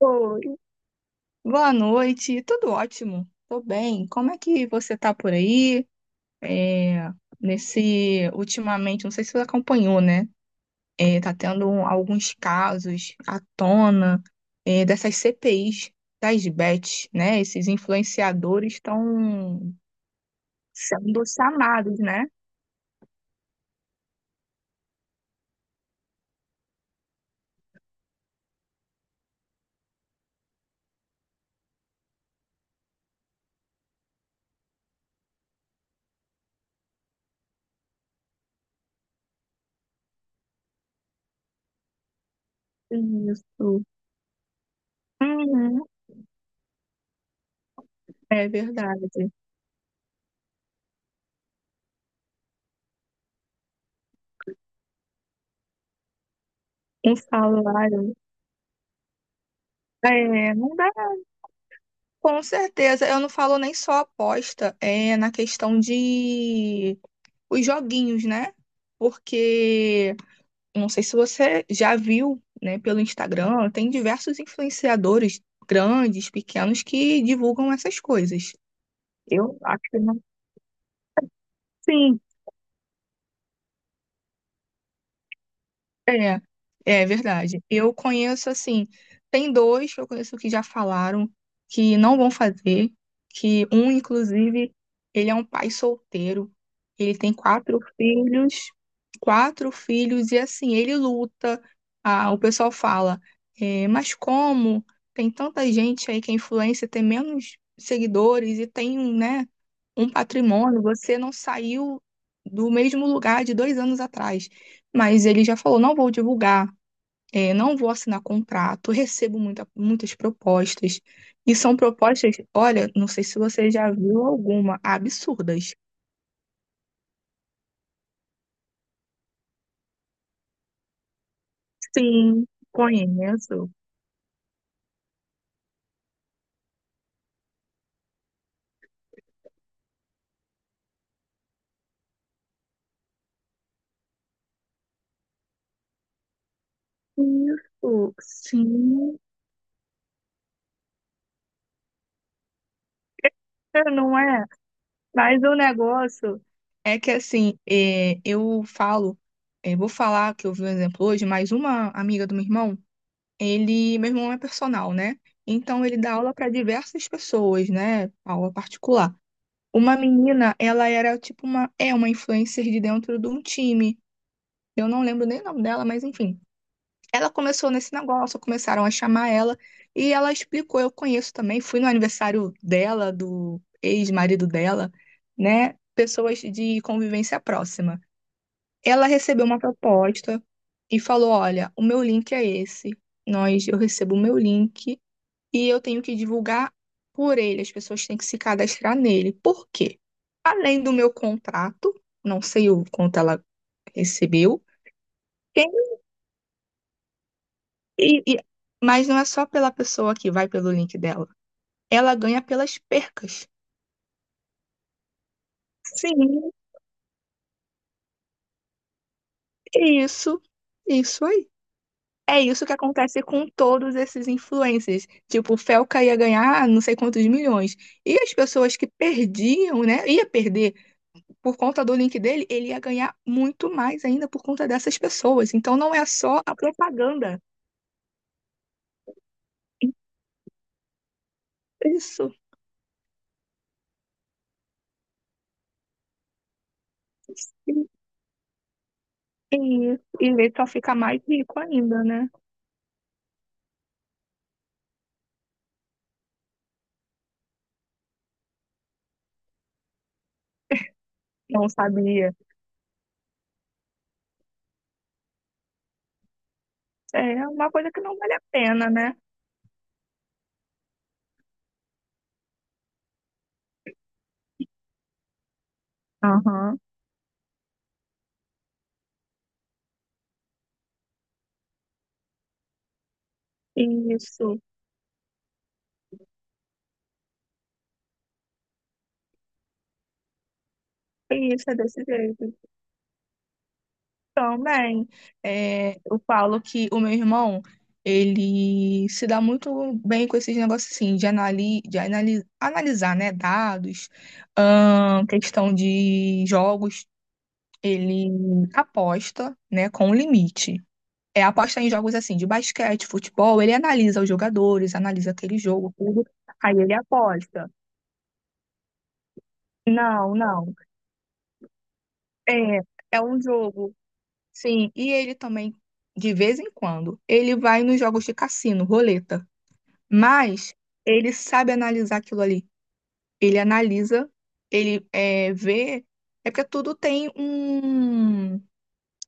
Oi. Boa noite, tudo ótimo, tô bem. Como é que você tá por aí? É, Ultimamente, não sei se você acompanhou, né? Tá tendo alguns casos à tona, dessas CPIs das bets, né? Esses influenciadores estão sendo chamados, né? Isso. Uhum, é verdade. Um salário. É, não dá. Com certeza, eu não falo nem só aposta, é na questão de os joguinhos, né? Porque não sei se você já viu, né, pelo Instagram, tem diversos influenciadores grandes, pequenos que divulgam essas coisas. Eu acho que não. Sim. É, é verdade. Eu conheço assim, tem dois que eu conheço que já falaram que não vão fazer, que um, inclusive, ele é um pai solteiro, ele tem quatro filhos, e assim, ele luta. Ah, o pessoal fala, mas como tem tanta gente aí que é influencer, tem menos seguidores e tem, né, um patrimônio, você não saiu do mesmo lugar de 2 anos atrás. Mas ele já falou: não vou divulgar, não vou assinar contrato, recebo muitas propostas. E são propostas, olha, não sei se você já viu alguma, absurdas. Sim, conheço. Isso, sim, é, não é? Mas o negócio é que assim, eu falo, vou falar que eu vi um exemplo hoje, mas uma amiga do meu irmão, meu irmão é personal, né? Então ele dá aula para diversas pessoas, né? Aula particular. Uma menina, ela era tipo é uma influencer de dentro de um time. Eu não lembro nem o nome dela, mas enfim. Ela começou nesse negócio, começaram a chamar ela e ela explicou, eu conheço também, fui no aniversário dela, do ex-marido dela, né? Pessoas de convivência próxima. Ela recebeu uma proposta e falou: "Olha, o meu link é esse. Nós eu recebo o meu link e eu tenho que divulgar por ele. As pessoas têm que se cadastrar nele. Por quê? Além do meu contrato, não sei o quanto ela recebeu, quem- e- e- mas não é só pela pessoa que vai pelo link dela. Ela ganha pelas percas. Sim, isso, isso aí. É isso que acontece com todos esses influencers. Tipo, o Felca ia ganhar não sei quantos milhões. E as pessoas que perdiam, né? Ia perder por conta do link dele, ele ia ganhar muito mais ainda por conta dessas pessoas. Então não é só a propaganda. Isso. E ele só fica mais rico ainda, né? Não sabia. É uma coisa que não vale a pena, né? Aham. Isso, isso é desse jeito. Também, eu falo que o meu irmão, ele se dá muito bem com esses negócios assim, de analisar, né, dados, questão de jogos. Ele aposta, né, com um limite. É aposta em jogos assim de basquete, futebol, ele analisa os jogadores, analisa aquele jogo, tudo, aí ele aposta. Não, não. É, é um jogo. Sim, e ele também de vez em quando, ele vai nos jogos de cassino, roleta, mas ele sabe analisar aquilo ali. Ele analisa, ele é, vê, é porque tudo tem um.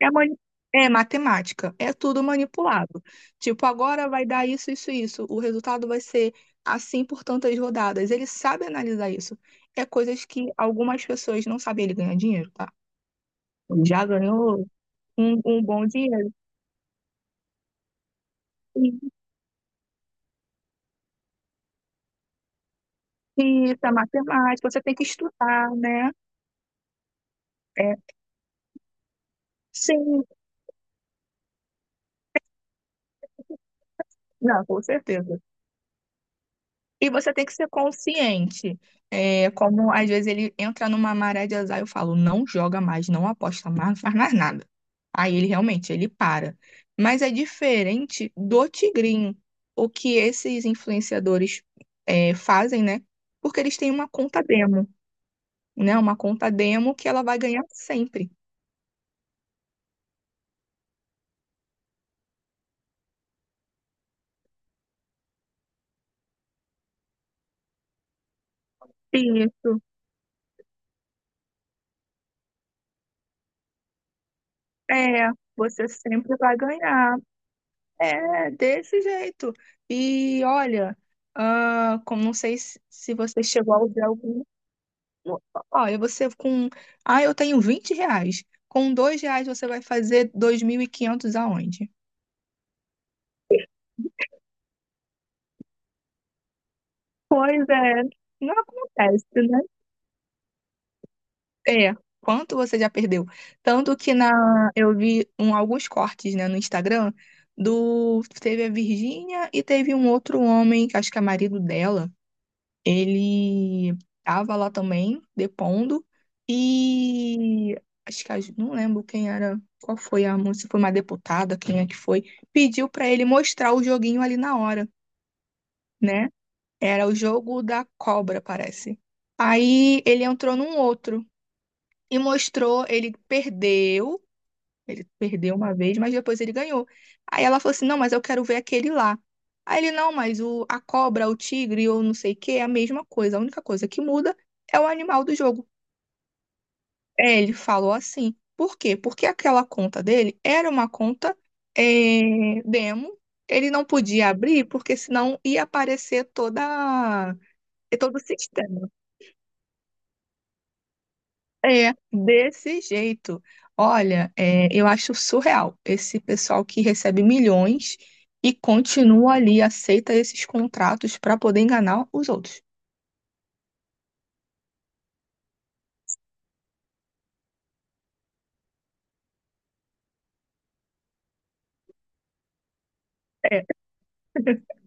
É, mani- é matemática, é tudo manipulado. Tipo, agora vai dar isso, isso, isso. O resultado vai ser assim por tantas rodadas. Ele sabe analisar isso. É coisas que algumas pessoas não sabem. Ele ganha dinheiro, tá? Já ganhou um bom dinheiro. Sim, isso é matemática, você tem que estudar, né? É, sim, não, com certeza. E você tem que ser consciente. É, como às vezes ele entra numa maré de azar, eu falo, não joga mais, não aposta mais, não faz mais nada. Aí ele realmente, ele para. Mas é diferente do tigrinho, o que esses influenciadores fazem, né? Porque eles têm uma conta demo, né? Uma conta demo que ela vai ganhar sempre. Isso. É, você sempre vai ganhar. É, desse jeito. E olha, como não sei se você chegou a usar algum. Olha, você com. Ah, eu tenho R$ 20. Com R$ 2 você vai fazer 2.500 aonde? Pois é, não acontece, né? É, quanto você já perdeu? Tanto que eu vi alguns cortes, né, no Instagram do teve a Virgínia e teve um outro homem, que acho que é marido dela. Ele estava lá também, depondo, e acho que a não lembro quem era, qual foi a moça, se foi uma deputada, quem é que foi, pediu para ele mostrar o joguinho ali na hora, né? Era o jogo da cobra, parece. Aí ele entrou num outro e mostrou, ele perdeu. Ele perdeu uma vez, mas depois ele ganhou. Aí ela falou assim: não, mas eu quero ver aquele lá. Aí ele: não, mas a cobra, o tigre ou não sei o que é a mesma coisa. A única coisa que muda é o animal do jogo. É, ele falou assim. Por quê? Porque aquela conta dele era uma conta demo. Ele não podia abrir, porque senão ia aparecer todo o sistema. É, desse jeito. Olha, eu acho surreal esse pessoal que recebe milhões e continua ali, aceita esses contratos para poder enganar os outros. É,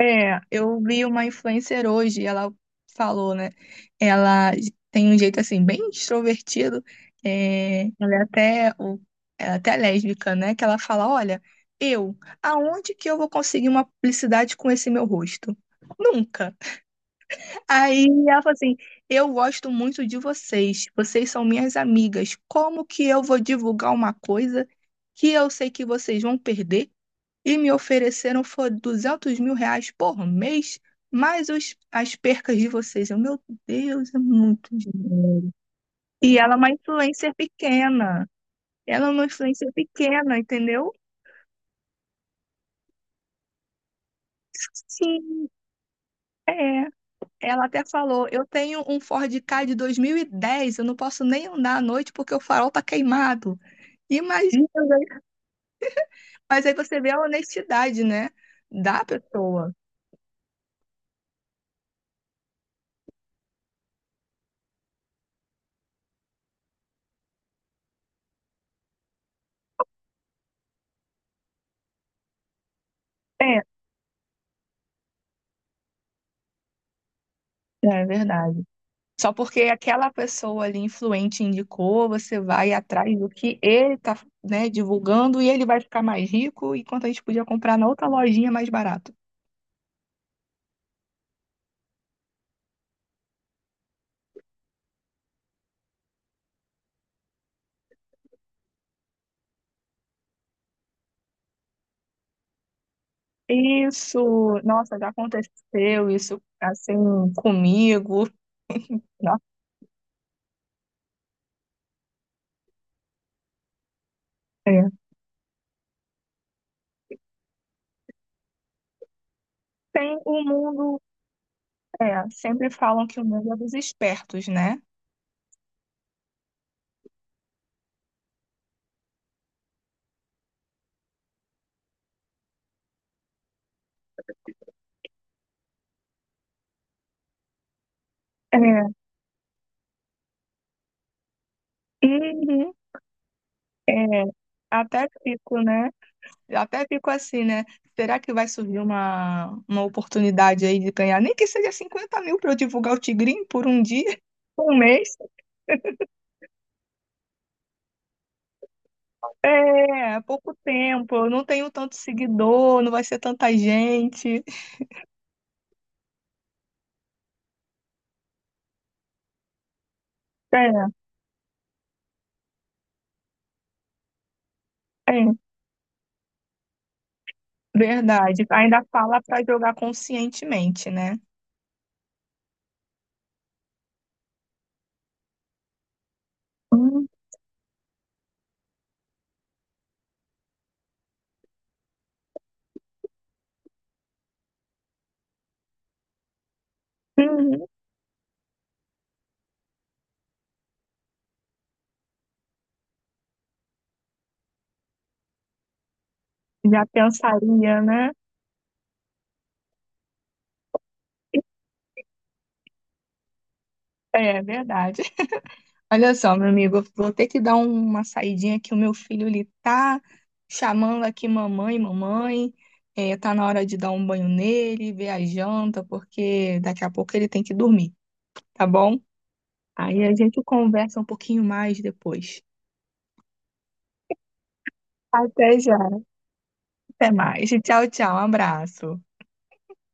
eu vi uma influencer hoje, ela falou, né? Ela tem um jeito assim, bem extrovertido. é, ela é até, o- ela é até lésbica, né? Que ela fala: olha, eu, aonde que eu vou conseguir uma publicidade com esse meu rosto? Nunca. Aí ela falou assim: eu gosto muito de vocês, vocês são minhas amigas. Como que eu vou divulgar uma coisa que eu sei que vocês vão perder? E me ofereceram foi R$ 200.000 por mês, mais as percas de vocês. Eu, meu Deus, é muito dinheiro. E ela é uma influencer pequena. Ela é uma influencer pequena, entendeu? Sim, é. Ela até falou: eu tenho um Ford Ka de 2010, eu não posso nem andar à noite porque o farol tá queimado. Imagina, né? Mas aí você vê a honestidade, né? Da pessoa. É, é verdade. Só porque aquela pessoa ali influente indicou, você vai atrás do que ele tá, né, divulgando e ele vai ficar mais rico, enquanto a gente podia comprar na outra lojinha mais barato. Isso, nossa, já aconteceu isso assim comigo. Nossa, é. Tem o mundo É, sempre falam que o mundo é dos espertos, né? É. Uhum. É, até fico, né? Até fico assim, né? Será que vai surgir uma oportunidade aí de ganhar? Nem que seja 50.000 para eu divulgar o Tigrinho por um dia, um mês. É, pouco tempo. Eu não tenho tanto seguidor, não vai ser tanta gente. É, é, verdade. Ainda fala para jogar conscientemente, né? Uhum. Já pensaria, né? É, verdade. Olha só, meu amigo, eu vou ter que dar uma saidinha que o meu filho ele tá chamando aqui mamãe, mamãe. É, tá na hora de dar um banho nele, ver a janta, porque daqui a pouco ele tem que dormir, tá bom? Aí a gente conversa um pouquinho mais depois. Até já. Até mais. Tchau, tchau. Um abraço.